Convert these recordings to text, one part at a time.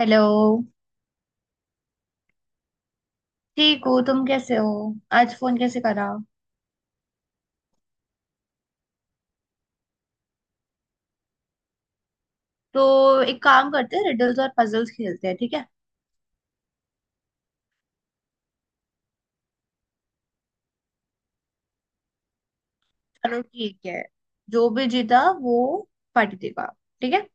Hello. ठीक हो? तुम कैसे हो? आज फोन कैसे करा? तो एक काम करते हैं, रिडल्स और पजल्स खेलते हैं, ठीक है? चलो ठीक है। जो भी जीता वो पार्टी देगा, ठीक है?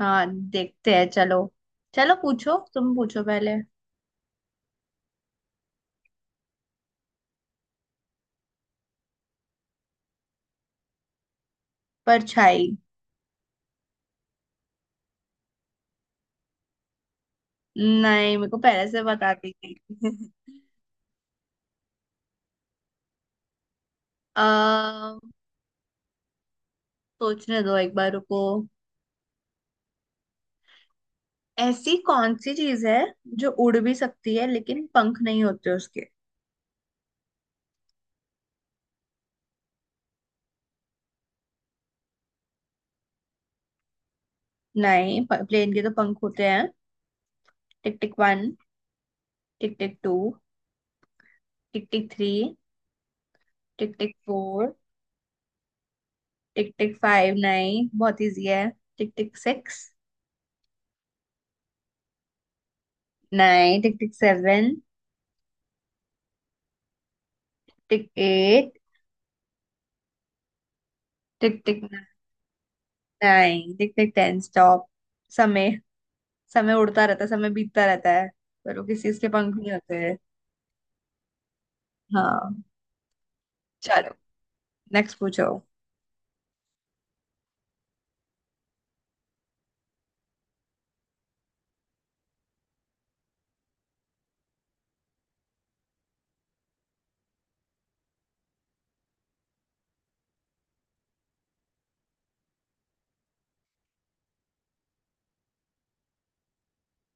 हाँ, देखते हैं। चलो, चलो पूछो, तुम पूछो पहले। परछाई। नहीं, मेरे को पहले से बता दी थी। अः सोचने दो, एक बार रुको। ऐसी कौन सी चीज है जो उड़ भी सकती है लेकिन पंख नहीं होते उसके? नहीं, प्लेन के तो पंख होते हैं। Tick tick one. Tick tick two. Tick tick three. Tick tick four. Tick tick five. Nine बहुत इजी है। Tick tick six. Nine. Tick tick seven. Tick eight. Tick tick nine. Tick tick ten stop. समय। समय उड़ता रहता है, समय बीतता रहता है, पर वो किसी इसके पंख नहीं होते हैं। हाँ, चलो नेक्स्ट पूछो।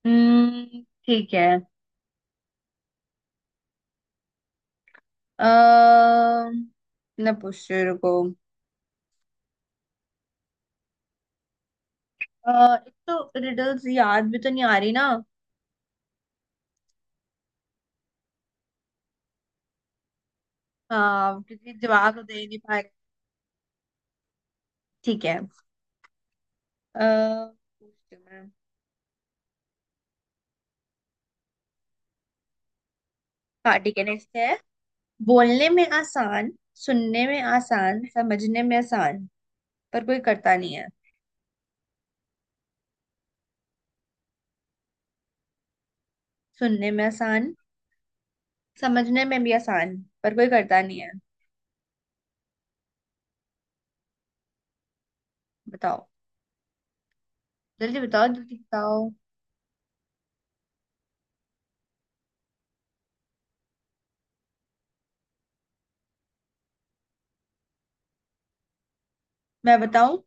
हम्म, ठीक है। अः मैं पूछती हूँ, रुको। अ, एक तो रिडल्स याद भी तो नहीं आ रही ना। हाँ, क्योंकि जवाब तो दे नहीं पा। ठीक है। अः हाँ ठीक है, नेक्स्ट है। बोलने में आसान, सुनने में आसान, समझने में आसान, पर कोई करता नहीं है। सुनने में आसान, समझने में भी आसान, पर कोई करता नहीं है। बताओ। जल्दी बताओ, जल्दी बताओ। मैं बताऊं?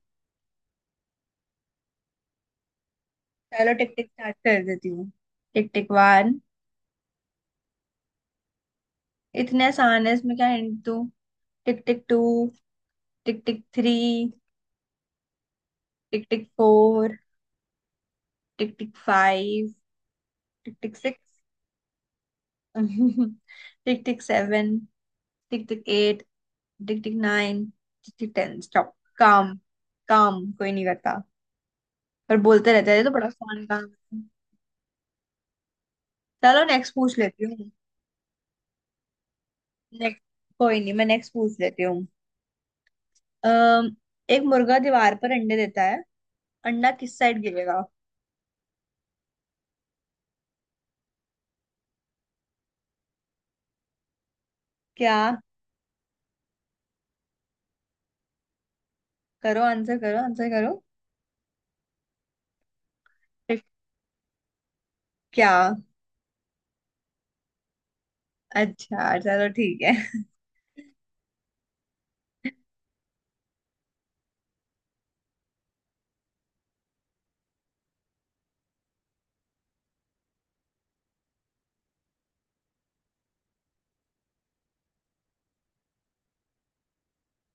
चलो टिक टिक स्टार्ट कर देती हूँ। टिक टिक वन। इतने आसान है, इसमें क्या हिंट दूं? Tick tick two. Tick tick three. Tick tick four. Tick tick five. Tick tick six. Tick tick seven. Tick tick eight. Tick tick nine. Tick tick ten stop. काम। काम कोई नहीं करता, पर बोलते रहते हैं। ये तो बड़ा फन काम है। चलो नेक्स्ट पूछ लेती हूँ। नेक्स्ट। कोई नहीं, मैं नेक्स्ट पूछ लेती हूँ। अम, एक मुर्गा दीवार पर अंडे देता है, अंडा किस साइड गिरेगा? क्या? करो आंसर करो, आंसर करो। फिर क्या? अच्छा चलो ठीक है।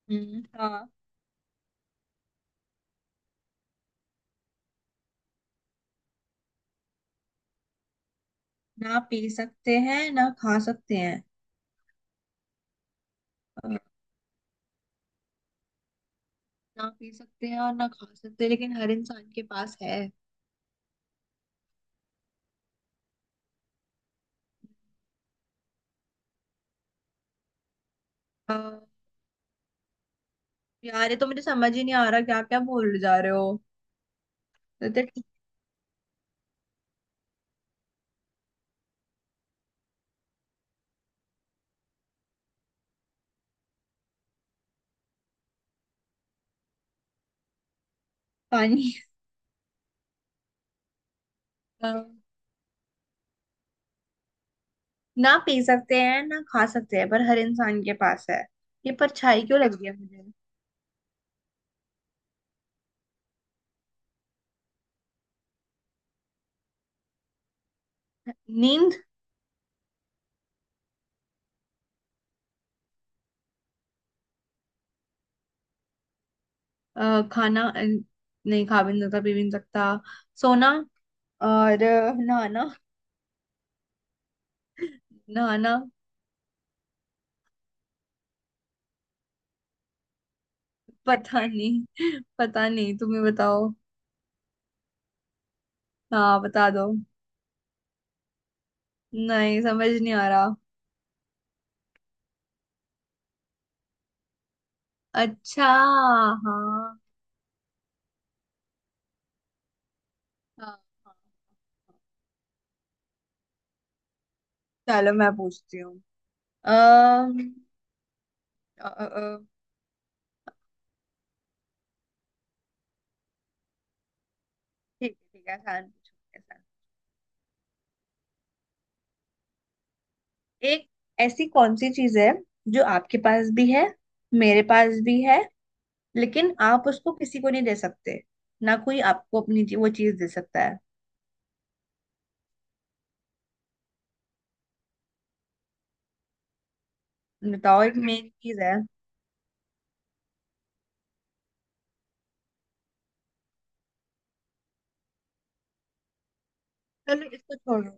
हाँ। ना पी सकते हैं, ना खा सकते हैं। अ, ना पी सकते हैं और ना खा सकते लेकिन हर इंसान के पास है। हाँ। यार ये तो मुझे समझ ही नहीं आ रहा, क्या क्या बोल जा रहे हो। तो ठीक। पानी। हाँ। ना पी सकते हैं, ना खा सकते हैं, पर हर इंसान के पास है। ये परछाई क्यों लग गया मुझे? नींद। खाना। नहीं, खा भी नहीं सकता, पी भी नहीं सकता। सोना। और नहाना। नहाना। पता नहीं। पता नहीं, तुम ही बताओ। हाँ, बता दो। नहीं समझ नहीं आ रहा। अच्छा, हाँ हाँ। हाँ, हाँ। चलो मैं पूछती हूँ। अः अ, अ, अ, ठीक है, ठीक है, आसान पूछो मेरे साथ। एक, ऐसी कौन सी चीज है जो आपके पास भी है, मेरे पास भी है, लेकिन आप उसको किसी को नहीं दे सकते, ना कोई आपको अपनी वो चीज दे सकता है। बताओ, एक मेन चीज है। चलो इसको छोड़ो।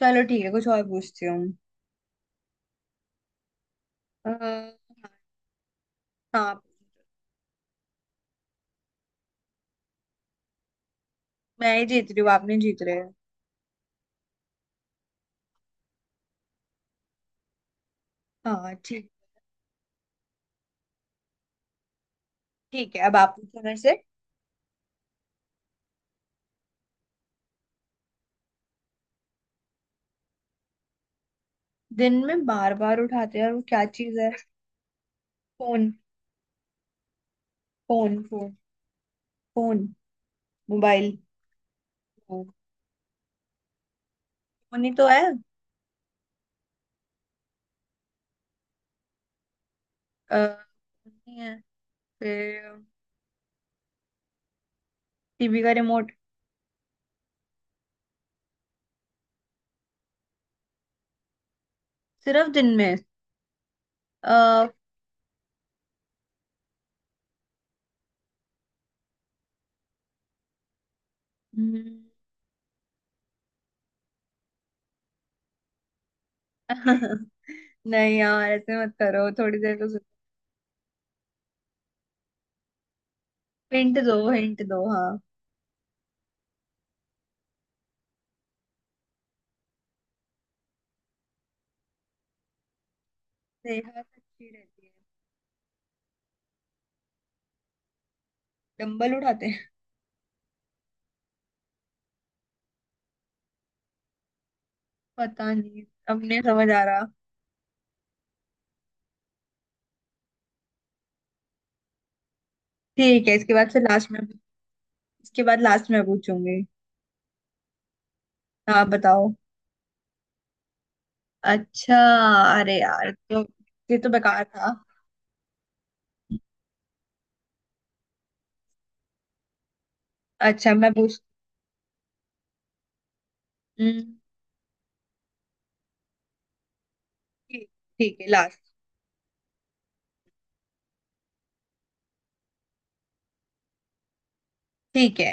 चलो ठीक है, कुछ और पूछती हूँ। अ, हाँ। मैं ही जीत रही हूँ, आप नहीं जीत रहे हो। हाँ, ठीक। ठीक है, अब आप पूछो मेरे से। दिन में बार बार उठाते हैं, और वो क्या चीज है? Phone. Phone. Phone. Phone. Mobile. Phone ही तो है। अ, नहीं है? फिर? टीवी का रिमोट? सिर्फ दिन में? अ, हम्म। नहीं यार, ऐसे मत करो थोड़ी देर को। हिंट दो, हिंट दो, हाँ। सेहत अच्छी रहती है? डंबल उठाते हैं? पता नहीं। अब नहीं समझ आ रहा। ठीक है, इसके बाद से लास्ट में। इसके बाद लास्ट में पूछूंगी। हाँ बताओ। अच्छा। अरे यार, तो ये तो बेकार था। अच्छा, मैं पूछ। हम्म, ठीक। ठीक है, लास्ट। ठीक है,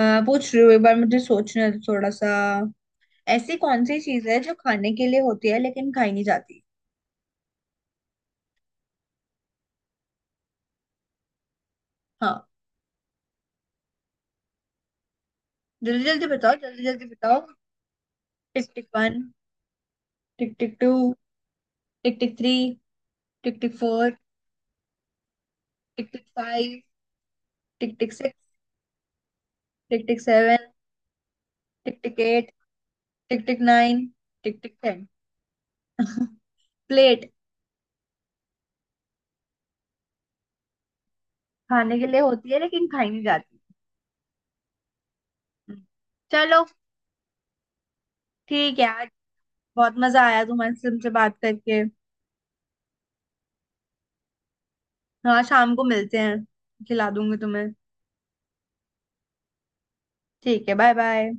पूछ रही हूँ, एक बार मुझे सोचने दो थोड़ा सा। ऐसी कौन सी चीज है जो खाने के लिए होती है लेकिन खाई नहीं जाती? हाँ। जल्दी जल्दी बताओ, जल्दी जल्दी बताओ। Tick tick one. Tick tick two. Tick tick three. Tick tick four. Tick tick five. Tick tick six. Tick tick seven. Tick tick eight. Tick tick nine. Tick tick ten. Plate. खाने के लिए होती है लेकिन खाई नहीं जाती। हम्म। चलो ठीक है। आज बहुत मजा आया तुम्हारे से, तुमसे बात करके। हाँ, शाम को मिलते हैं, खिला दूंगी तुम्हें। ठीक है, बाय बाय।